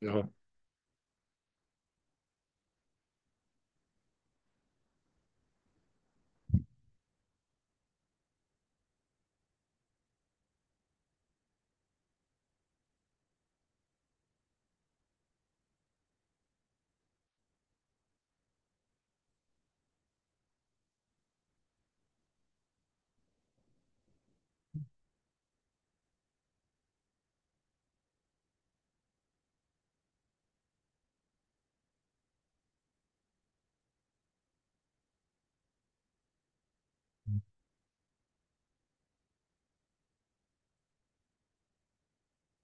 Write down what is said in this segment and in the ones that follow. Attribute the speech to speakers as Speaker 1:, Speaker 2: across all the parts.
Speaker 1: Ja,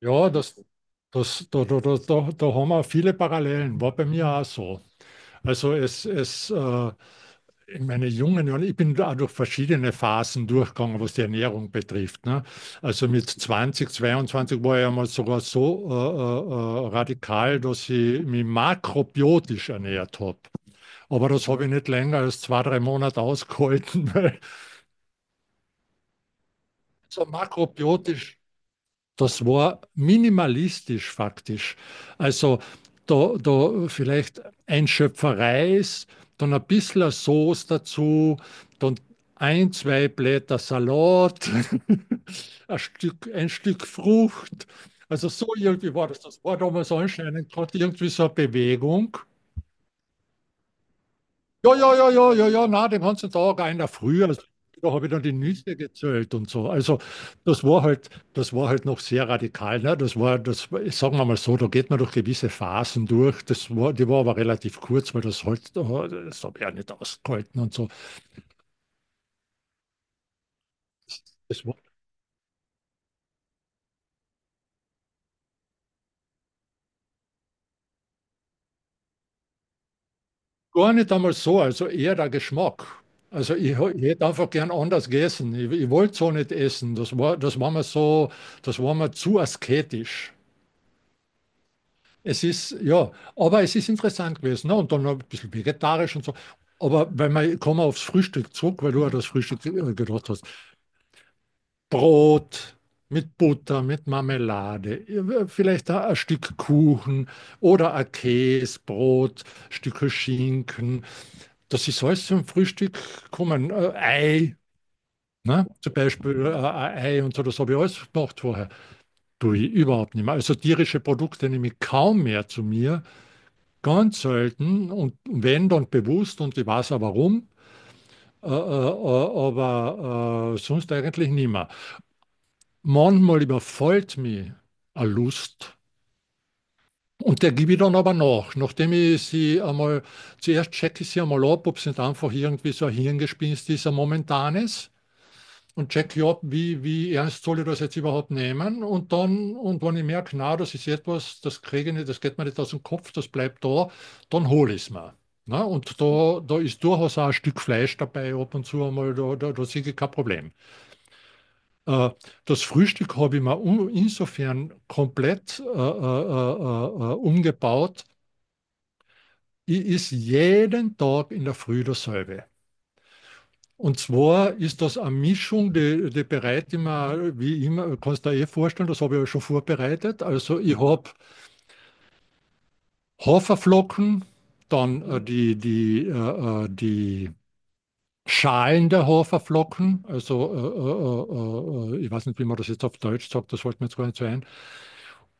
Speaker 1: ja, das, da haben wir viele Parallelen. War bei mir auch so. Also es In meinen jungen Jahren, ich bin da auch durch verschiedene Phasen durchgegangen, was die Ernährung betrifft. Ne? Also mit 20, 22 war ich einmal sogar so radikal, dass ich mich makrobiotisch ernährt habe. Aber das habe ich nicht länger als zwei, drei Monate ausgehalten, weil so makrobiotisch. Das war minimalistisch faktisch. Also da vielleicht ein Schöpfer Reis, dann ein bisschen Sauce dazu, dann ein, zwei Blätter Salat, ein Stück Frucht. Also so irgendwie war das. Das war damals anscheinend gerade irgendwie so eine Bewegung. Ja, na, den ganzen Tag, einer früher, also, da habe ich dann die Nüsse gezählt und so. Also das war halt noch sehr radikal. Ne? Sagen wir mal so, da geht man durch gewisse Phasen durch. Die war aber relativ kurz, weil das halt, oh, das habe ich ja nicht ausgehalten und so. Das war gar nicht einmal so, also eher der Geschmack. Also ich hätte einfach gern anders gegessen. Ich wollte so nicht essen. Das war mir so, das war mir zu asketisch. Es ist, ja, aber es ist interessant gewesen. Ne? Und dann noch ein bisschen vegetarisch und so. Aber wenn man, kommen wir aufs Frühstück zurück, weil du ja das Frühstück gedacht hast. Brot mit Butter, mit Marmelade, vielleicht ein Stück Kuchen oder ein Käsebrot, Stücke Schinken. Das ist alles zum Frühstück kommen. Ei, ne? Zum Beispiel ein Ei und so, das habe ich alles gemacht vorher. Tue ich überhaupt nicht mehr. Also tierische Produkte nehme ich kaum mehr zu mir. Ganz selten und wenn dann bewusst und ich weiß auch warum, aber sonst eigentlich nimmer. Manchmal überfällt mich eine Lust und der gebe ich dann aber nach, nachdem ich sie einmal, zuerst checke ich sie einmal ab, ob es nicht einfach irgendwie so ein Hirngespinst ist, ein momentanes. Und checke ab, wie, wie ernst soll ich das jetzt überhaupt nehmen. Und dann, und wenn ich merke, na, das ist etwas, das kriege ich nicht, das geht mir nicht aus dem Kopf, das bleibt da, dann hole ich es mir. Na, und da ist durchaus auch ein Stück Fleisch dabei, ab und zu einmal, da sehe ich kein Problem. Äh, Das Frühstück habe ich mir um, insofern komplett umgebaut. Ich ist jeden Tag in der Früh dasselbe. Und zwar ist das eine Mischung, die bereite ich mir, wie immer, kannst du dir eh vorstellen, das habe ich ja schon vorbereitet. Also ich habe Haferflocken, dann die Schalen der Haferflocken, also ich weiß nicht, wie man das jetzt auf Deutsch sagt, das fällt mir jetzt gar nicht so ein.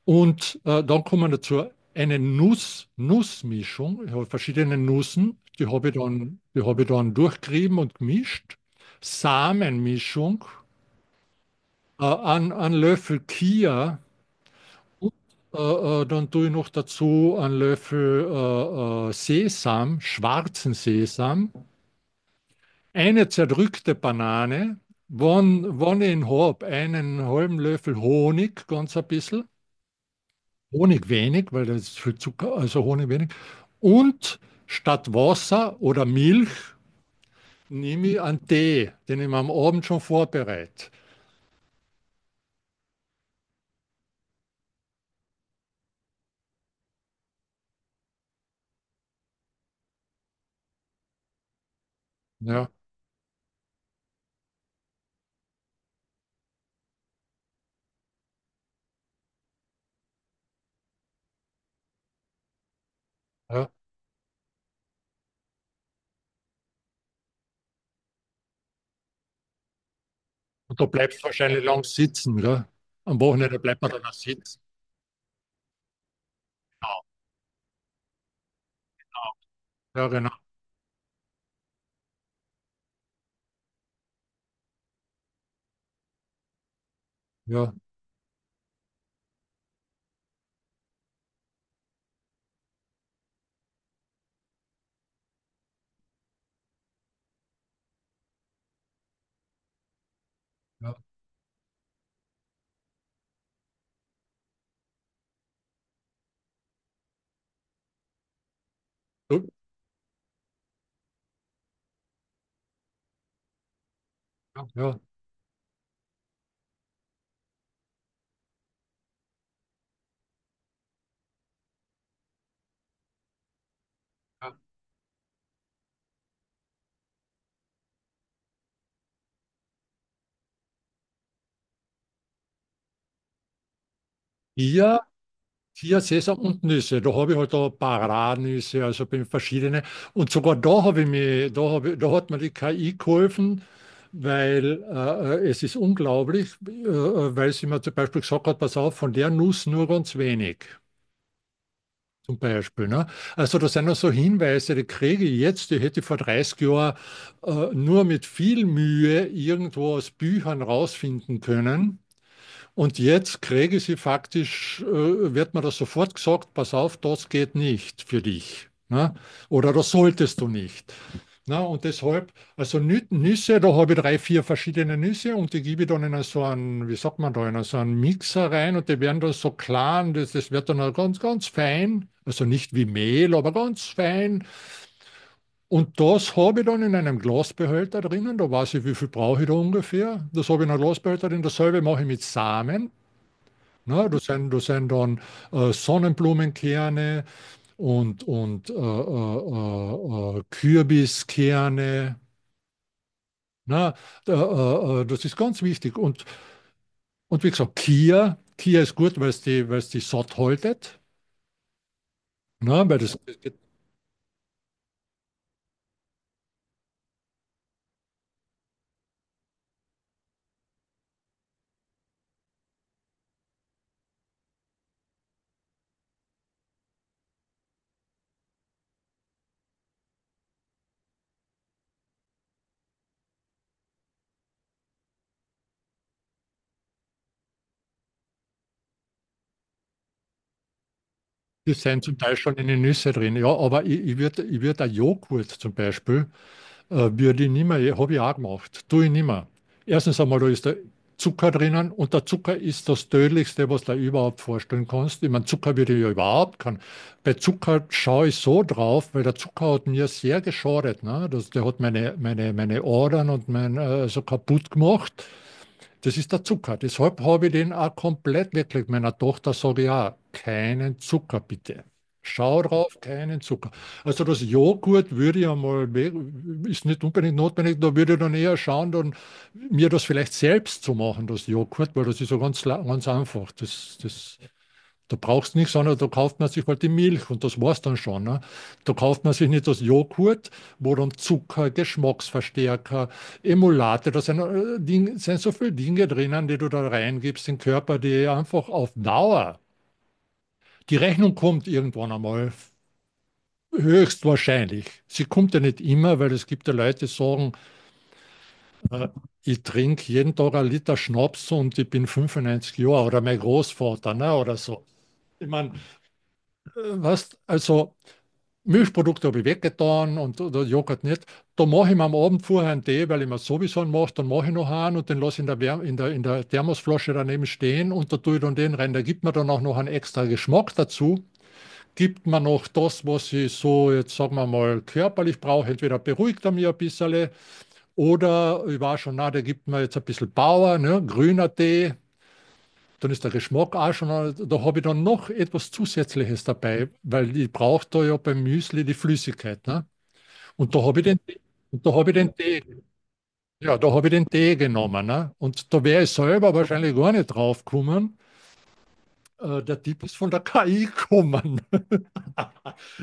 Speaker 1: Und dann kommen dazu eine Nuss, Nussmischung, ich habe verschiedene Nüssen, die habe ich dann durchgerieben und gemischt. Samenmischung, ein Löffel Chia, äh, dann tue ich noch dazu einen Löffel Sesam, schwarzen Sesam, eine zerdrückte Banane, wann ich ihn habe, einen halben Löffel Honig, ganz ein bisschen, Honig wenig, weil das ist viel Zucker, also Honig wenig, und statt Wasser oder Milch nehme ich einen Tee, den ich mir am Abend schon vorbereite. Ja, ja. Und da bleibst du wahrscheinlich lang sitzen, oder? Am Wochenende bleibt man dann auch sitzen. Ja, genau. Ja, ja. Du. Ja, ja. Ja. Hier, hier Sesam und Nüsse. Da habe ich halt da Paranüsse, also bin verschiedene. Und sogar da habe ich mir, da habe, ich- da hat mir die KI geholfen, weil es ist unglaublich, weil sie mir zum Beispiel gesagt hat, pass auf, von der Nuss nur ganz wenig. Zum Beispiel. Ne? Also das sind auch so Hinweise, die kriege ich jetzt, die hätte ich vor 30 Jahren nur mit viel Mühe irgendwo aus Büchern rausfinden können. Und jetzt kriege sie faktisch, wird mir das sofort gesagt, pass auf, das geht nicht für dich. Ne? Oder das solltest du nicht. Na, und deshalb, also Nüsse, da habe ich drei, vier verschiedene Nüsse und die gebe ich dann in so einen, wie sagt man da, in so einen Mixer rein und die werden dann so klar und das wird dann auch ganz fein. Also nicht wie Mehl, aber ganz fein. Und das habe ich dann in einem Glasbehälter drinnen, da weiß ich, wie viel brauche ich da ungefähr. Das habe ich in einem Glasbehälter drin, dasselbe mache ich mit Samen. Ne? Das sind dann Sonnenblumenkerne und Kürbiskerne. Ne? Das ist ganz wichtig. Und wie gesagt, Kia, Kia ist gut, weil es die satt haltet. Ne? Das sind zum Teil schon in den Nüsse drin. Ja, aber ich würd ein Joghurt zum Beispiel würde ich nicht mehr, habe ich auch gemacht, tue ich nicht mehr. Erstens einmal, da ist der Zucker drinnen und der Zucker ist das Tödlichste, was du dir überhaupt vorstellen kannst. Ich meine, Zucker würde ich ja überhaupt kann. Bei Zucker schaue ich so drauf, weil der Zucker hat mir sehr geschadet. Ne? Das, der hat meine, meine Adern und mein, so kaputt gemacht. Das ist der Zucker. Deshalb habe ich den auch komplett wirklich meiner Tochter sage ich auch, keinen Zucker bitte. Schau drauf, keinen Zucker. Also das Joghurt würde ich einmal, ist nicht unbedingt notwendig, da würde ich dann eher schauen, dann mir das vielleicht selbst zu machen, das Joghurt, weil das ist so ganz ganz einfach. Das da brauchst du nichts, sondern da kauft man sich halt die Milch und das war's dann schon. Ne? Da kauft man sich nicht das Joghurt, wo dann Zucker, Geschmacksverstärker, Emulate, da sind, Ding, sind so viele Dinge drinnen, die du da reingibst in den Körper, die einfach auf Dauer, die Rechnung kommt irgendwann einmal, höchstwahrscheinlich. Sie kommt ja nicht immer, weil es gibt ja Leute, die sagen, äh, ich trinke jeden Tag einen Liter Schnaps und ich bin 95 Jahre oder mein Großvater ne, oder so. Ich meine, was, also Milchprodukte habe ich weggetan und oder Joghurt nicht. Da mache ich mir am Abend vorher einen Tee, weil ich mir sowieso einen mache. Dann mache ich noch einen und den lasse ich in der, Wärm- in der Thermosflasche daneben stehen und da tue ich dann den rein. Da gibt mir dann auch noch einen extra Geschmack dazu. Gibt mir noch das, was ich so jetzt, sagen wir mal, körperlich brauche. Entweder beruhigt er mich ein bisschen oder ich war schon, na, der gibt mir jetzt ein bisschen Bauer, ne? Grüner Tee. Dann ist der Geschmack auch schon, da habe ich dann noch etwas Zusätzliches dabei, weil ich brauche da ja beim Müsli die Flüssigkeit. Ne? Und da habe ich den, und da habe ich den Tee, ja, da habe ich den Tee genommen. Ne? Und da wäre ich selber wahrscheinlich gar nicht drauf gekommen. Der Tipp ist von der KI gekommen.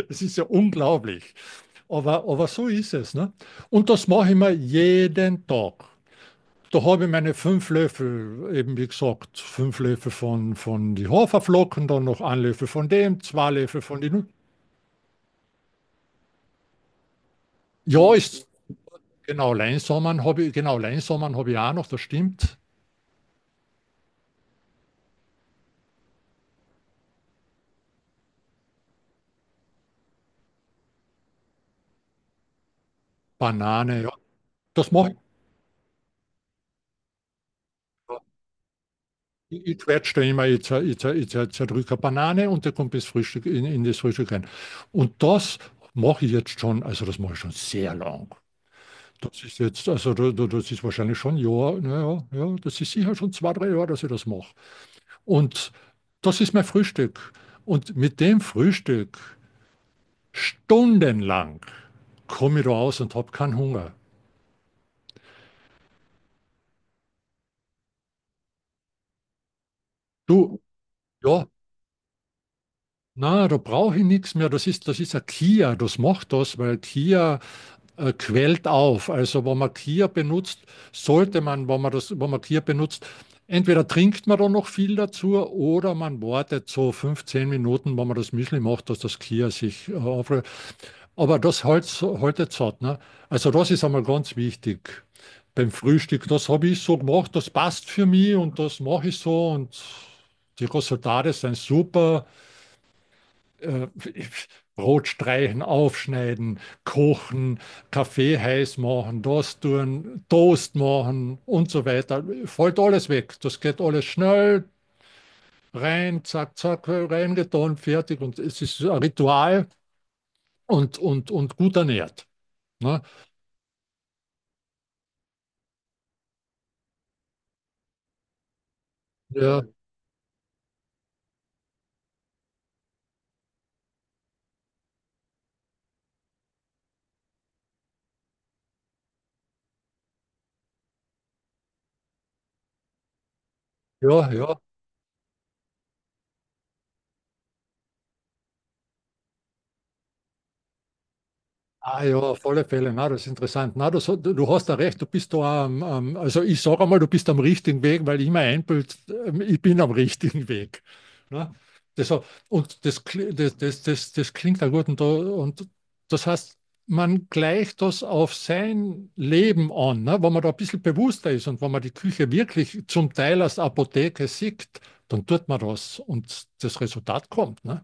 Speaker 1: Es ist ja unglaublich. Aber so ist es. Ne? Und das mache ich mir jeden Tag. Da habe ich meine fünf Löffel, eben wie gesagt, fünf Löffel von die Haferflocken, dann noch ein Löffel von dem, zwei Löffel von den. Ja, ist genau Leinsamen habe ich, genau Leinsamen habe ich auch noch, das stimmt. Banane, ja. Das mache Ich quetsche da immer, jetzt zer, ich zerdrücke eine Banane und der kommt bis Frühstück in das Frühstück rein. Und das mache ich jetzt schon, also das mache ich schon sehr lang. Das ist jetzt, also das ist wahrscheinlich schon ein Jahr, naja, ja, ja, das ist sicher schon zwei, drei Jahre, dass ich das mache. Und das ist mein Frühstück. Und mit dem Frühstück stundenlang komme ich da aus und habe keinen Hunger. Du, ja, na, da brauche ich nichts mehr. Das ist ein Kia, das macht das, weil Kia quält auf. Also, wenn man Kia benutzt, sollte man, wenn man Kia benutzt, entweder trinkt man da noch viel dazu oder man wartet so fünf, zehn Minuten, wenn man das Müsli macht, dass das Kia sich aufrührt. Aber das halt, haltet satt, ne? Also, das ist einmal ganz wichtig beim Frühstück. Das habe ich so gemacht, das passt für mich und das mache ich so und die Resultate sind super. äh, Brot streichen, aufschneiden, kochen, Kaffee heiß machen, das tun, Toast machen und so weiter. Fällt alles weg. Das geht alles schnell, rein, zack, zack, reingetan, fertig. Und es ist ein Ritual und, und gut ernährt. Ne? Ja, ja, ja, Ah ja, auf alle Fälle. Na, das ist interessant. Na, das, du hast da recht, du bist da am, am also ich sage einmal, du bist am richtigen Weg, weil ich mir einbild, ich bin am richtigen Weg. Na? Das, und das, kli- das, das, das, das klingt da gut. Und das heißt, man gleicht das auf sein Leben an, ne? Wenn man da ein bisschen bewusster ist und wenn man die Küche wirklich zum Teil als Apotheke sieht, dann tut man das und das Resultat kommt. Ne?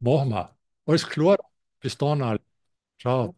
Speaker 1: Machen wir. Alles klar. Bis dann, alle. Ciao.